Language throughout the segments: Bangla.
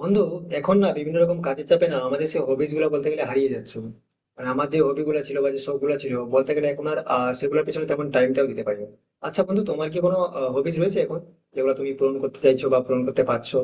বন্ধু, এখন না বিভিন্ন রকম কাজের চাপে না আমাদের সেই হবিস গুলো বলতে গেলে হারিয়ে যাচ্ছে। মানে আমার যে হবি গুলো ছিল বা যে শখ গুলো ছিল বলতে গেলে এখন আর সেগুলোর পেছনে তেমন টাইমটাও দিতে পারি না। আচ্ছা বন্ধু, তোমার কি কোনো হবিস রয়েছে এখন, যেগুলো তুমি পূরণ করতে চাইছো বা পূরণ করতে পারছো?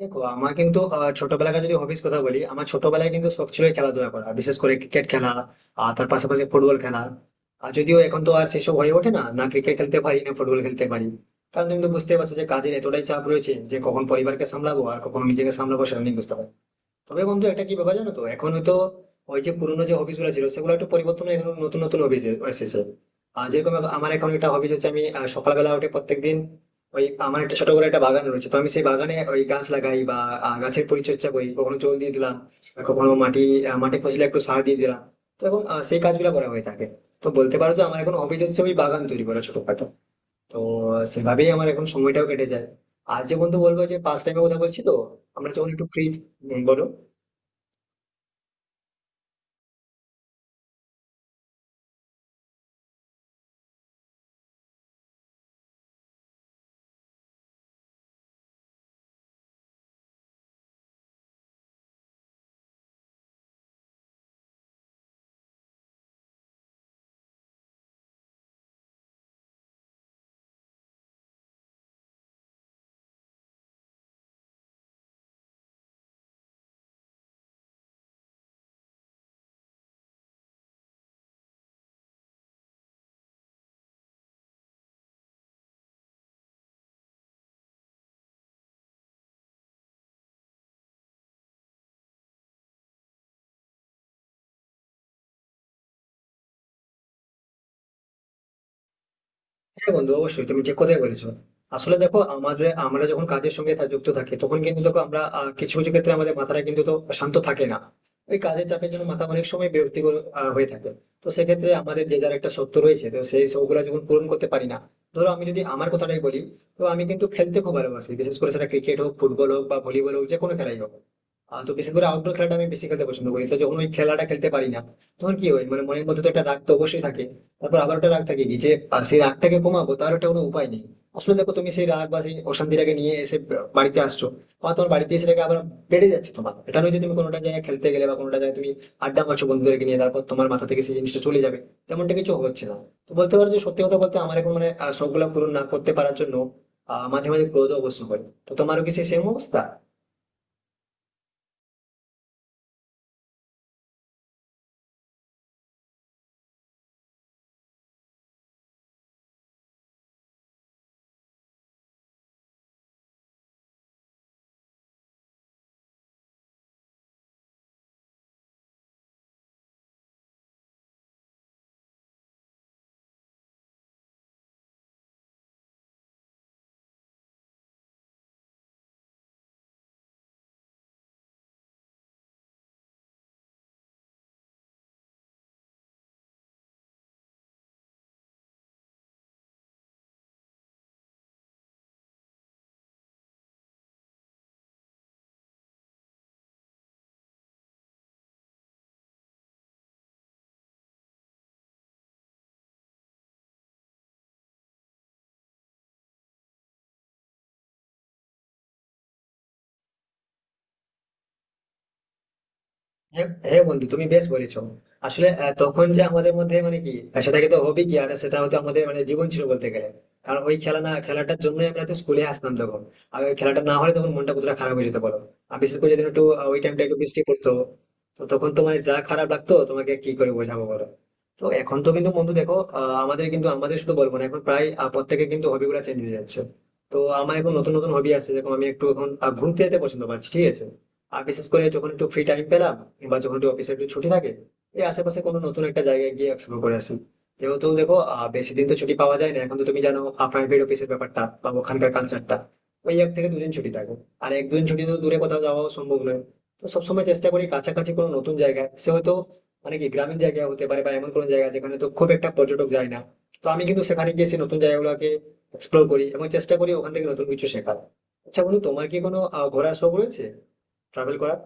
দেখো, আমার কিন্তু ছোটবেলাকার যদি হবিস কথা বলি, আমার ছোটবেলায় কিন্তু সব ছিল এই খেলাধুলা করা, বিশেষ করে ক্রিকেট খেলা আর তার পাশাপাশি ফুটবল খেলা। আর যদিও এখন তো আর সেসব হয়ে ওঠে না, না ক্রিকেট খেলতে পারি, না ফুটবল খেলতে পারি। কারণ তুমি তো বুঝতেই পারছো যে কাজের এতটাই চাপ রয়েছে যে কখন পরিবারকে সামলাবো আর কখন নিজেকে সামলাবো সেটা আমি বুঝতে পারছি না। তবে বন্ধু, একটা কি ব্যাপার জানো তো, এখন হয়তো ওই যে পুরোনো যে হবিস গুলো ছিল সেগুলো একটু পরিবর্তন হয়ে এখন নতুন নতুন হবিস এসেছে। আর যেরকম এখন আমার এখন একটা হবিস হচ্ছে, আমি সকালবেলা উঠে প্রত্যেকদিন ওই আমার একটা ছোট করে একটা বাগান রয়েছে, তো আমি সেই বাগানে ওই গাছ লাগাই বা গাছের পরিচর্যা করি, কখনো জল দিয়ে দিলাম আর কখনো মাটি, মাটি ফসলে একটু সার দিয়ে দিলাম। তো এখন সেই কাজগুলো করা হয়ে থাকে। তো বলতে পারো যে আমার এখন হবিস হচ্ছে ওই বাগান তৈরি করা, ছোটখাটো। তো সেভাবেই আমার এখন সময়টাও কেটে যায়। আর যে বন্ধু বলবো যে পাস টাইমের কথা বলছি, তো আমরা যখন একটু ফ্রি। বলো। হ্যাঁ বন্ধু, অবশ্যই, তুমি ঠিক কথাই বলেছো। আসলে দেখো, আমাদের আমরা যখন কাজের সঙ্গে যুক্ত থাকি, তখন কিন্তু দেখো আমরা কিছু কিছু ক্ষেত্রে আমাদের মাথাটা কিন্তু তো শান্ত থাকে না। ওই কাজের চাপের জন্য মাথা অনেক সময় বিরক্তিকর হয়ে থাকে। তো সেক্ষেত্রে আমাদের যে যার একটা সত্য রয়েছে, তো সেই সবগুলো যখন পূরণ করতে পারি না, ধরো আমি যদি আমার কথাটাই বলি, তো আমি কিন্তু খেলতে খুব ভালোবাসি, বিশেষ করে সেটা ক্রিকেট হোক, ফুটবল হোক বা ভলিবল হোক, যে কোনো খেলাই হোক। তো বিশেষ করে আউটডোর খেলাটা আমি বেশি খেলতে পছন্দ করি, তো যখন ওই খেলাটা খেলতে পারি না, তখন কি হয় মানে মনের মধ্যে তো একটা রাগ তো অবশ্যই থাকে। তারপর আবার একটা রাগ থাকে কি যে, সেই রাগটাকে কমাবো তার একটা কোনো উপায় নেই। আসলে দেখো, তুমি সেই রাগ বা সেই অশান্তিটাকে নিয়ে এসে বাড়িতে আসছো, বা তোমার বাড়িতে এসে সেটাকে আবার বেড়ে যাচ্ছে। তোমার এটা নয় যে তুমি কোনোটা জায়গায় খেলতে গেলে বা কোনোটা জায়গায় তুমি আড্ডা মারছো বন্ধুদেরকে নিয়ে, তারপর তোমার মাথা থেকে সেই জিনিসটা চলে যাবে, তেমনটা কিছু হচ্ছে না। তো বলতে পারো যে সত্যি কথা বলতে আমার এখন মানে সবগুলা পূরণ না করতে পারার জন্য মাঝে মাঝে ক্রোধ অবশ্য হয়। তো তোমারও কি সেই সেম অবস্থা? হ্যাঁ হ্যাঁ বন্ধু, তুমি বেশ বলেছো। আসলে তখন যে আমাদের মধ্যে মানে কি সেটাকে তো হবি কি, আর সেটা হয়তো আমাদের মানে জীবন ছিল বলতে গেলে। কারণ ওই খেলা না খেলাটার জন্যই আমরা তো স্কুলে আসতাম তখন। আর ওই খেলাটা না হলে তখন মনটা কতটা খারাপ হয়ে যেতে পারো। আর বিশেষ করে যেদিন একটু ওই টাইমটা একটু বৃষ্টি পড়তো, তো তখন তো মানে যা খারাপ লাগতো তোমাকে কি করে বোঝাবো বলো। তো এখন তো কিন্তু বন্ধু দেখো, আমাদের কিন্তু আমাদের শুধু বলবো না, এখন প্রায় প্রত্যেকের কিন্তু হবি গুলা চেঞ্জ হয়ে যাচ্ছে। তো আমার এখন নতুন নতুন হবি আছে, যেরকম আমি একটু এখন ঘুরতে যেতে পছন্দ পাচ্ছি, ঠিক আছে। আর বিশেষ করে যখন একটু ফ্রি টাইম পেলাম বা যখন একটু অফিসে একটু ছুটি থাকে, এই আশেপাশে কোনো নতুন একটা জায়গায় গিয়ে এক্সপ্লোর করে আসি। যেহেতু দেখো বেশি দিন তো ছুটি পাওয়া যায় না, এখন তো তুমি জানো প্রাইভেট অফিসের ব্যাপারটা বা ওখানকার কালচারটা, ওই এক থেকে দুদিন ছুটি থাকে। আর এক দুদিন ছুটি তো দূরে কোথাও যাওয়াও সম্ভব নয়। তো সবসময় চেষ্টা করি কাছাকাছি কোনো নতুন জায়গায়, সে হয়তো মানে কি গ্রামীণ জায়গা হতে পারে বা এমন কোনো জায়গা যেখানে তো খুব একটা পর্যটক যায় না। তো আমি কিন্তু সেখানে গিয়ে সেই নতুন জায়গাগুলোকে এক্সপ্লোর করি এবং চেষ্টা করি ওখান থেকে নতুন কিছু শেখার। আচ্ছা বন্ধু, তোমার কি কোনো ঘোরার শখ রয়েছে, ট্রাভেল করার?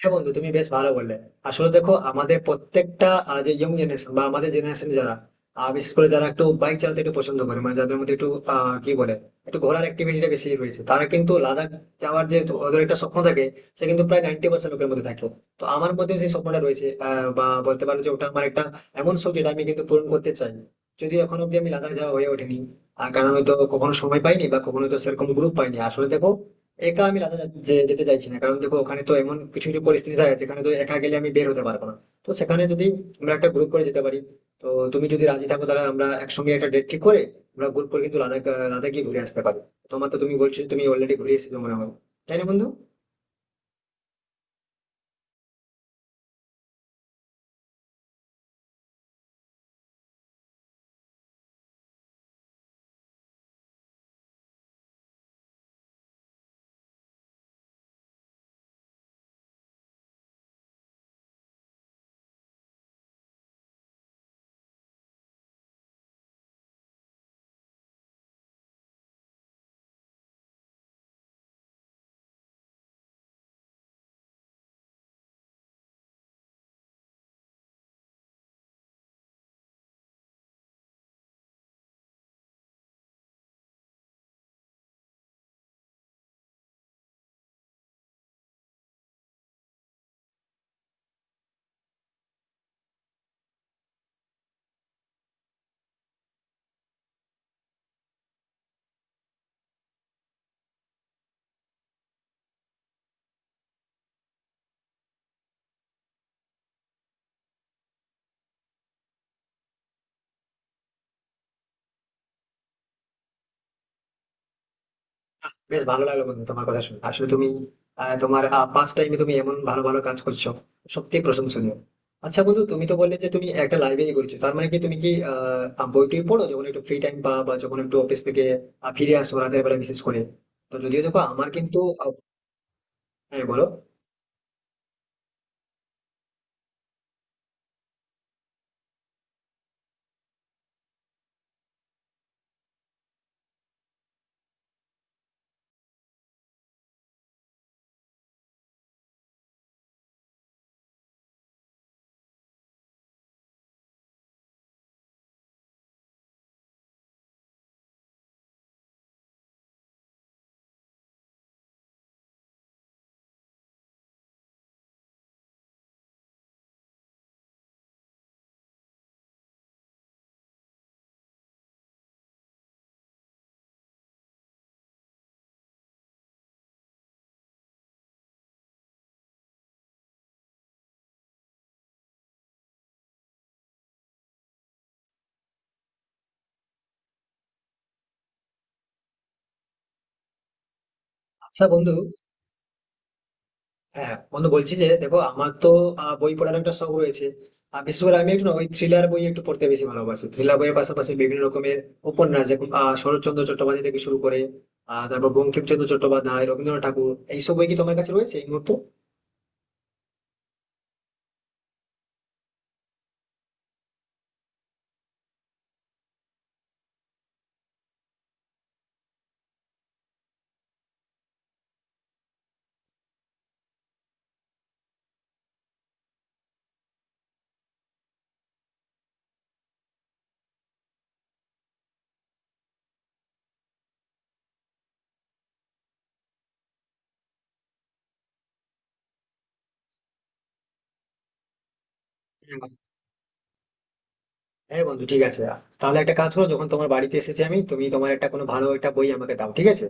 হ্যাঁ বন্ধু, তুমি বেশ ভালো বললে। আসলে দেখো আমাদের প্রত্যেকটা যে ইয়ং জেনারেশন বা আমাদের জেনারেশন যারা বিশেষ করে যারা একটু বাইক চালাতে একটু পছন্দ করে, মানে যাদের মধ্যে একটু কি বলে, একটু ঘোরার অ্যাক্টিভিটিটা বেশি রয়েছে, তারা কিন্তু লাদাখ যাওয়ার যে ওদের একটা স্বপ্ন থাকে, সে কিন্তু প্রায় 90% লোকের মধ্যে থাকে। তো আমার মধ্যেও সেই স্বপ্নটা রয়েছে, বা বলতে পারো যে ওটা আমার একটা এমন শখ যেটা আমি কিন্তু পূরণ করতে চাই। যদিও এখন অব্দি আমি লাদাখ যাওয়া হয়ে ওঠেনি। আর কারণ হয়তো কখনো সময় পাইনি বা কখনো তো সেরকম গ্রুপ পাইনি। আসলে দেখো, একা আমি রাতে যেতে চাইছি না, কারণ দেখো ওখানে তো এমন কিছু কিছু পরিস্থিতি থাকে যেখানে তো একা গেলে আমি বের হতে পারবো না। তো সেখানে যদি আমরা একটা গ্রুপ করে যেতে পারি, তো তুমি যদি রাজি থাকো তাহলে আমরা একসঙ্গে একটা ডেট ঠিক করে আমরা গ্রুপ করে কিন্তু লাদাখ লাদাখ গিয়ে ঘুরে আসতে পারি। তোমার তো, তুমি বলছো তুমি অলরেডি ঘুরে এসেছো মনে হয়, তাই না বন্ধু? বেশ ভালো লাগলো বন্ধু তোমার কথা শুনে। আসলে তুমি তোমার পাস টাইমে তুমি এমন ভালো ভালো কাজ করছো, সত্যি প্রশংসনীয়। আচ্ছা বন্ধু, তুমি তো বললে যে তুমি একটা লাইব্রেরি করেছো, তার মানে কি তুমি কি বই টই পড়ো যখন একটু ফ্রি টাইম পা, বা যখন একটু অফিস থেকে ফিরে আসো রাতের বেলা, বিশেষ করে? তো যদিও দেখো আমার কিন্তু আহ, হ্যাঁ বলো। আচ্ছা বন্ধু, হ্যাঁ বন্ধু, বলছি যে দেখো আমার তো বই পড়ার একটা শখ রয়েছে। বিশেষ করে আমি একটু না ওই থ্রিলার বই একটু পড়তে বেশি ভালোবাসি। থ্রিলার বইয়ের পাশাপাশি বিভিন্ন রকমের উপন্যাস, যেমন শরৎচন্দ্র চট্টোপাধ্যায় থেকে শুরু করে তারপর বঙ্কিমচন্দ্র চট্টোপাধ্যায়, রবীন্দ্রনাথ ঠাকুর, এইসব বই কি তোমার কাছে রয়েছে এই মুহূর্তে? হ্যাঁ হ্যাঁ বন্ধু, ঠিক আছে। তাহলে একটা কাজ করো, যখন তোমার বাড়িতে এসেছি আমি, তুমি তোমার একটা কোনো ভালো একটা বই আমাকে দাও, ঠিক আছে।